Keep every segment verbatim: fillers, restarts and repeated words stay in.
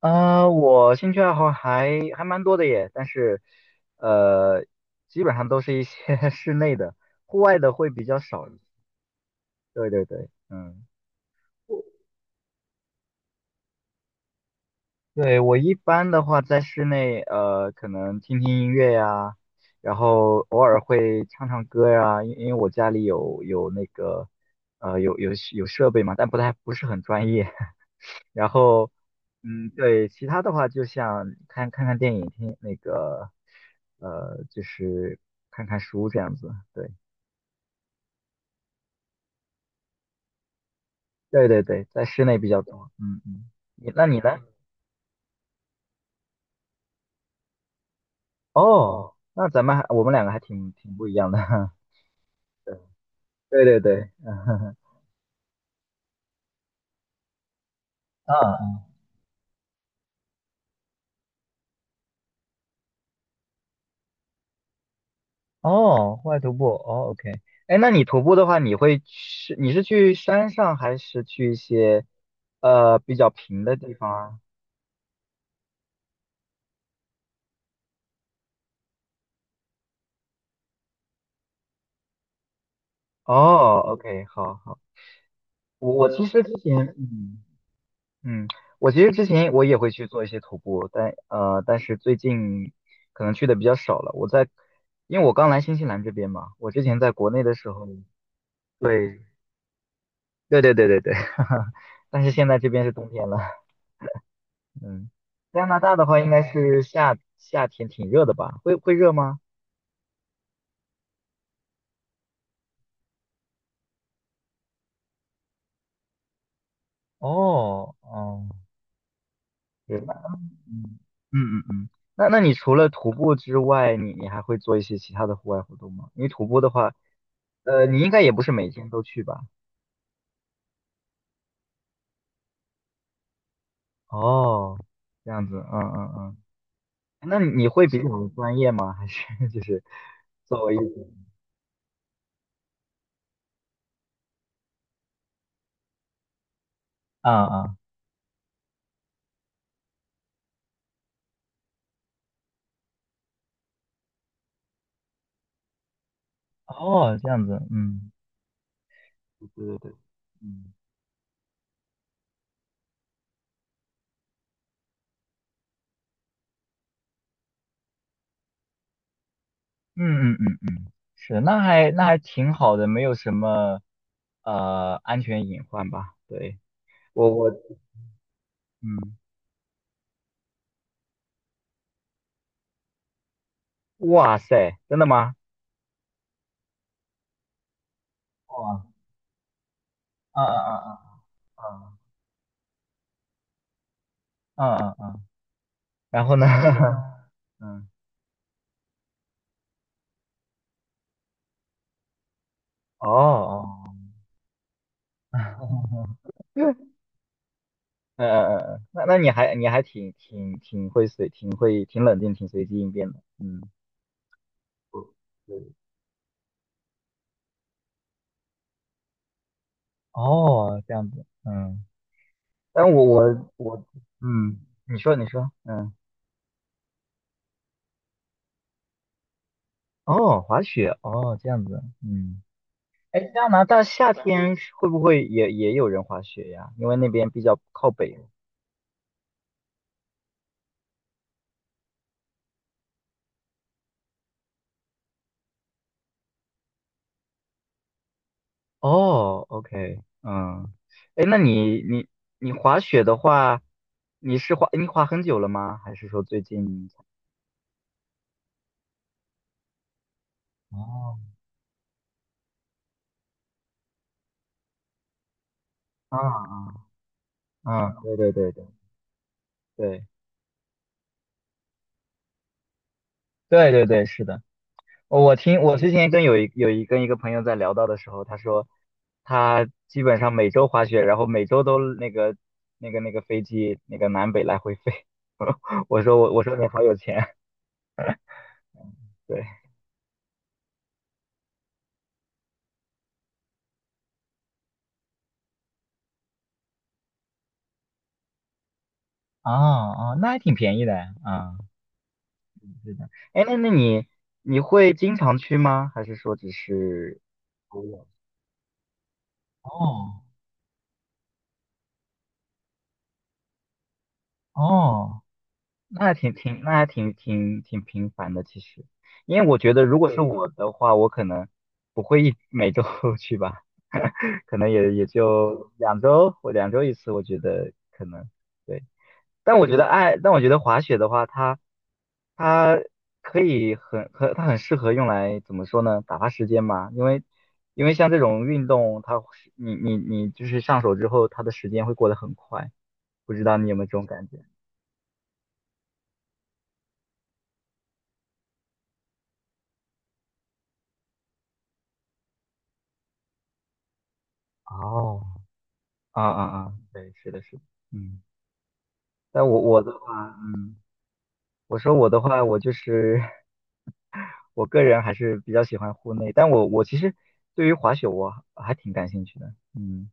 呃，我兴趣爱好还还蛮多的耶，但是，呃，基本上都是一些 室内的，户外的会比较少一些。对对对，嗯。对，我一般的话在室内，呃，可能听听音乐呀，然后偶尔会唱唱歌呀，因因为我家里有有那个，呃，有有有设备嘛，但不太不是很专业。然后，嗯，对，其他的话就像看看看电影，听那个，呃，就是看看书这样子。对，对对对，在室内比较多。嗯嗯。你那你呢？哦，那咱们还我们两个还挺挺不一样的。对对对，嗯。啊，哦，户外徒步，哦，OK。哎，那你徒步的话，你会去，你是去山上还是去一些呃比较平的地方啊？哦，OK，好好。我我其实之前，嗯嗯，我其实之前我也会去做一些徒步，但呃，但是最近可能去的比较少了。我在，因为我刚来新西兰这边嘛，我之前在国内的时候，对对对对对对，哈哈。但是现在这边是冬天了，嗯。加拿大的话应该是夏夏天挺热的吧？会会热吗？哦哦，对吧？嗯嗯嗯嗯。那那你除了徒步之外，你你还会做一些其他的户外活动吗？因为徒步的话。呃，你应该也不是每天都去吧？哦，这样子，嗯嗯嗯。那你会比较们专业吗？还是 就是作为一种，啊啊，哦，这样子，嗯，对对对，嗯嗯嗯嗯。是，那还那还挺好的，没有什么呃安全隐患吧？对，我我，嗯，哇塞，真的吗？哇，啊啊啊啊啊啊啊啊。然后呢？嗯，哦哦。嗯嗯嗯，嗯嗯那那你还你还挺挺挺会随挺会挺冷静挺随机应变的，嗯。不对，哦，这样子，嗯。但我我我，嗯，你说你说，嗯，哦，滑雪，哦，这样子，嗯。哎，加拿大夏天是会不会也也有人滑雪呀？因为那边比较靠北。哦，OK，嗯。哎，那你你你滑雪的话，你是滑你滑很久了吗？还是说最近？哦，啊啊啊！对对对对对对对对，是的。我听我之前跟有一有一跟一个朋友在聊到的时候，他说他基本上每周滑雪，然后每周都那个那个那个飞机那个南北来回飞。我说我我说你好有钱，对。哦哦，那还挺便宜的啊，是的。哎，那那你你会经常去吗？还是说只是偶尔？哦哦那还挺挺，那还挺挺挺频繁的，其实。因为我觉得如果是对我的话，我可能不会一每周 去吧，可能也也就两周或两周一次，我觉得可能对。但我觉得爱，但我觉得滑雪的话，它它可以很很，它很适合用来怎么说呢？打发时间嘛。因为因为像这种运动，它是你你你就是上手之后，它的时间会过得很快，不知道你有没有这种感觉？哦，啊啊啊，对，是的，是的，嗯。但我我的话，嗯，我说我的话，我就是 我个人还是比较喜欢户内。但我我其实对于滑雪我还挺感兴趣的，嗯。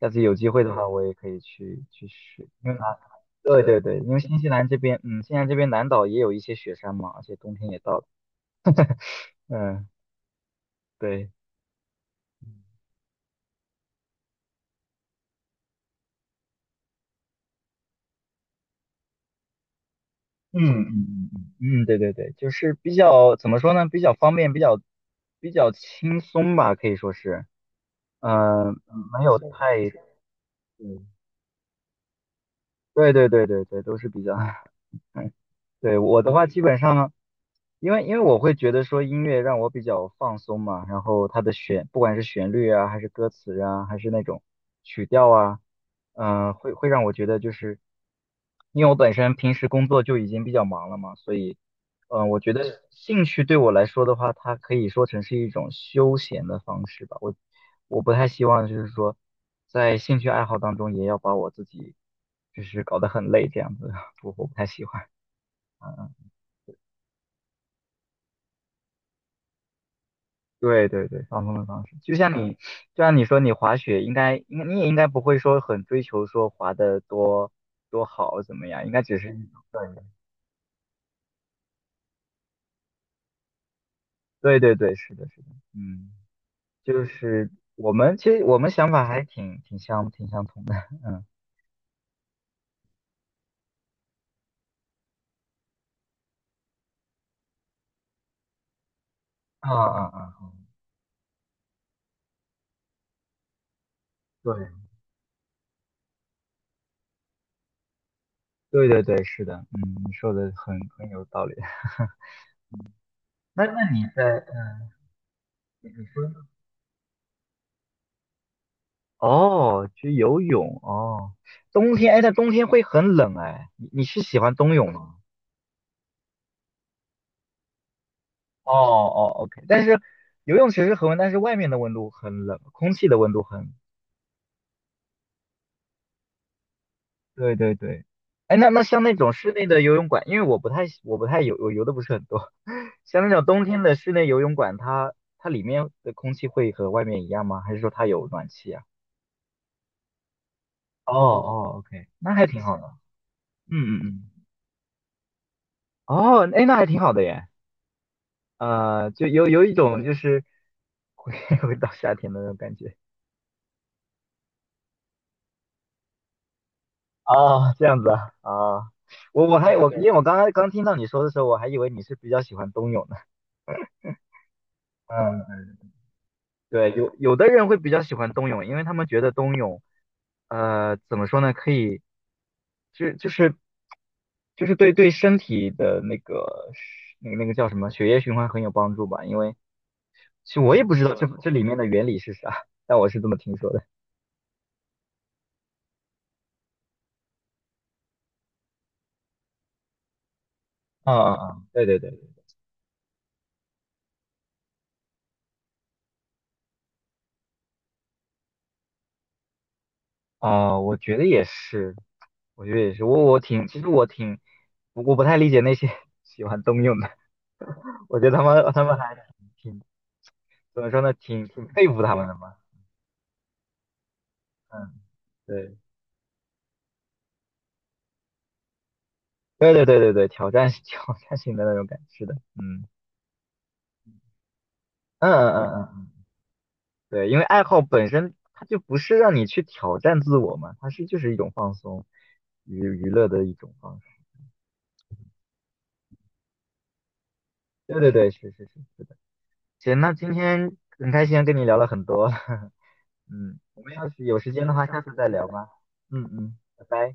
下次有机会的话，我也可以去去试，因为啊，对对对。因为新西兰这边，嗯，新西兰这边南岛也有一些雪山嘛，而且冬天也到了，嗯，对。嗯嗯嗯嗯，嗯，对对对，就是比较怎么说呢，比较方便，比较比较轻松吧，可以说是。嗯，没有太，嗯对对对对对，都是比较，嗯，对，我的话基本上，因为因为我会觉得说音乐让我比较放松嘛，然后它的旋，不管是旋律啊，还是歌词啊，还是那种曲调啊，嗯、会会让我觉得就是，因为我本身平时工作就已经比较忙了嘛，所以嗯、呃我觉得兴趣对我来说的话，它可以说成是一种休闲的方式吧。我我不太希望就是说，在兴趣爱好当中也要把我自己就是搞得很累这样子，我我不太喜欢。对对对，放松的方式，就像你就像你说你滑雪应该应该你也应该不会说很追求说滑的多多好怎么样，应该只是一种。对对对，是的，是的，嗯。就是我们其实我们想法还挺挺相挺相同的，嗯。啊啊啊！对对对对，是的，嗯，你说的很很有道理。那那你在呃，你说哦，去游泳哦。冬天哎，但冬天会很冷哎，你你是喜欢冬泳吗？哦哦，OK。但是游泳池是恒温，但是外面的温度很冷，空气的温度很，对对对。哎，那那像那种室内的游泳馆，因为我不太我不太游我游的不是很多，像那种冬天的室内游泳馆，它它里面的空气会和外面一样吗？还是说它有暖气啊？哦哦，OK，那还挺好的。嗯嗯嗯，哦，哎，那还挺好的耶。呃，就有有一种就是回 回到夏天的那种感觉。哦，这样子啊，啊。我我还我因为我刚刚刚听到你说的时候，我还以为你是比较喜欢冬泳的。嗯，对，有有的人会比较喜欢冬泳，因为他们觉得冬泳，呃，怎么说呢，可以就就是就是对对身体的那个那个那个叫什么血液循环很有帮助吧，因为其实我也不知道这这里面的原理是啥，但我是这么听说的。啊啊啊！对对对，啊，我觉得也是，我觉得也是，我我挺，其实我挺，我我不太理解那些 喜欢冬泳的，我觉得他们他们还挺挺怎么说呢，挺挺佩服他们的嘛。嗯，对，对对对对对，挑战 挑战性的那种感觉，是的。嗯嗯嗯嗯嗯，嗯对，因为爱好本身它就不是让你去挑战自我嘛，它是就是一种放松，娱娱乐的一种方式。对对对，是是是。行，那今天很开心跟你聊了很多，嗯，我们要是有时间的话，下次再聊吧。嗯嗯，拜拜。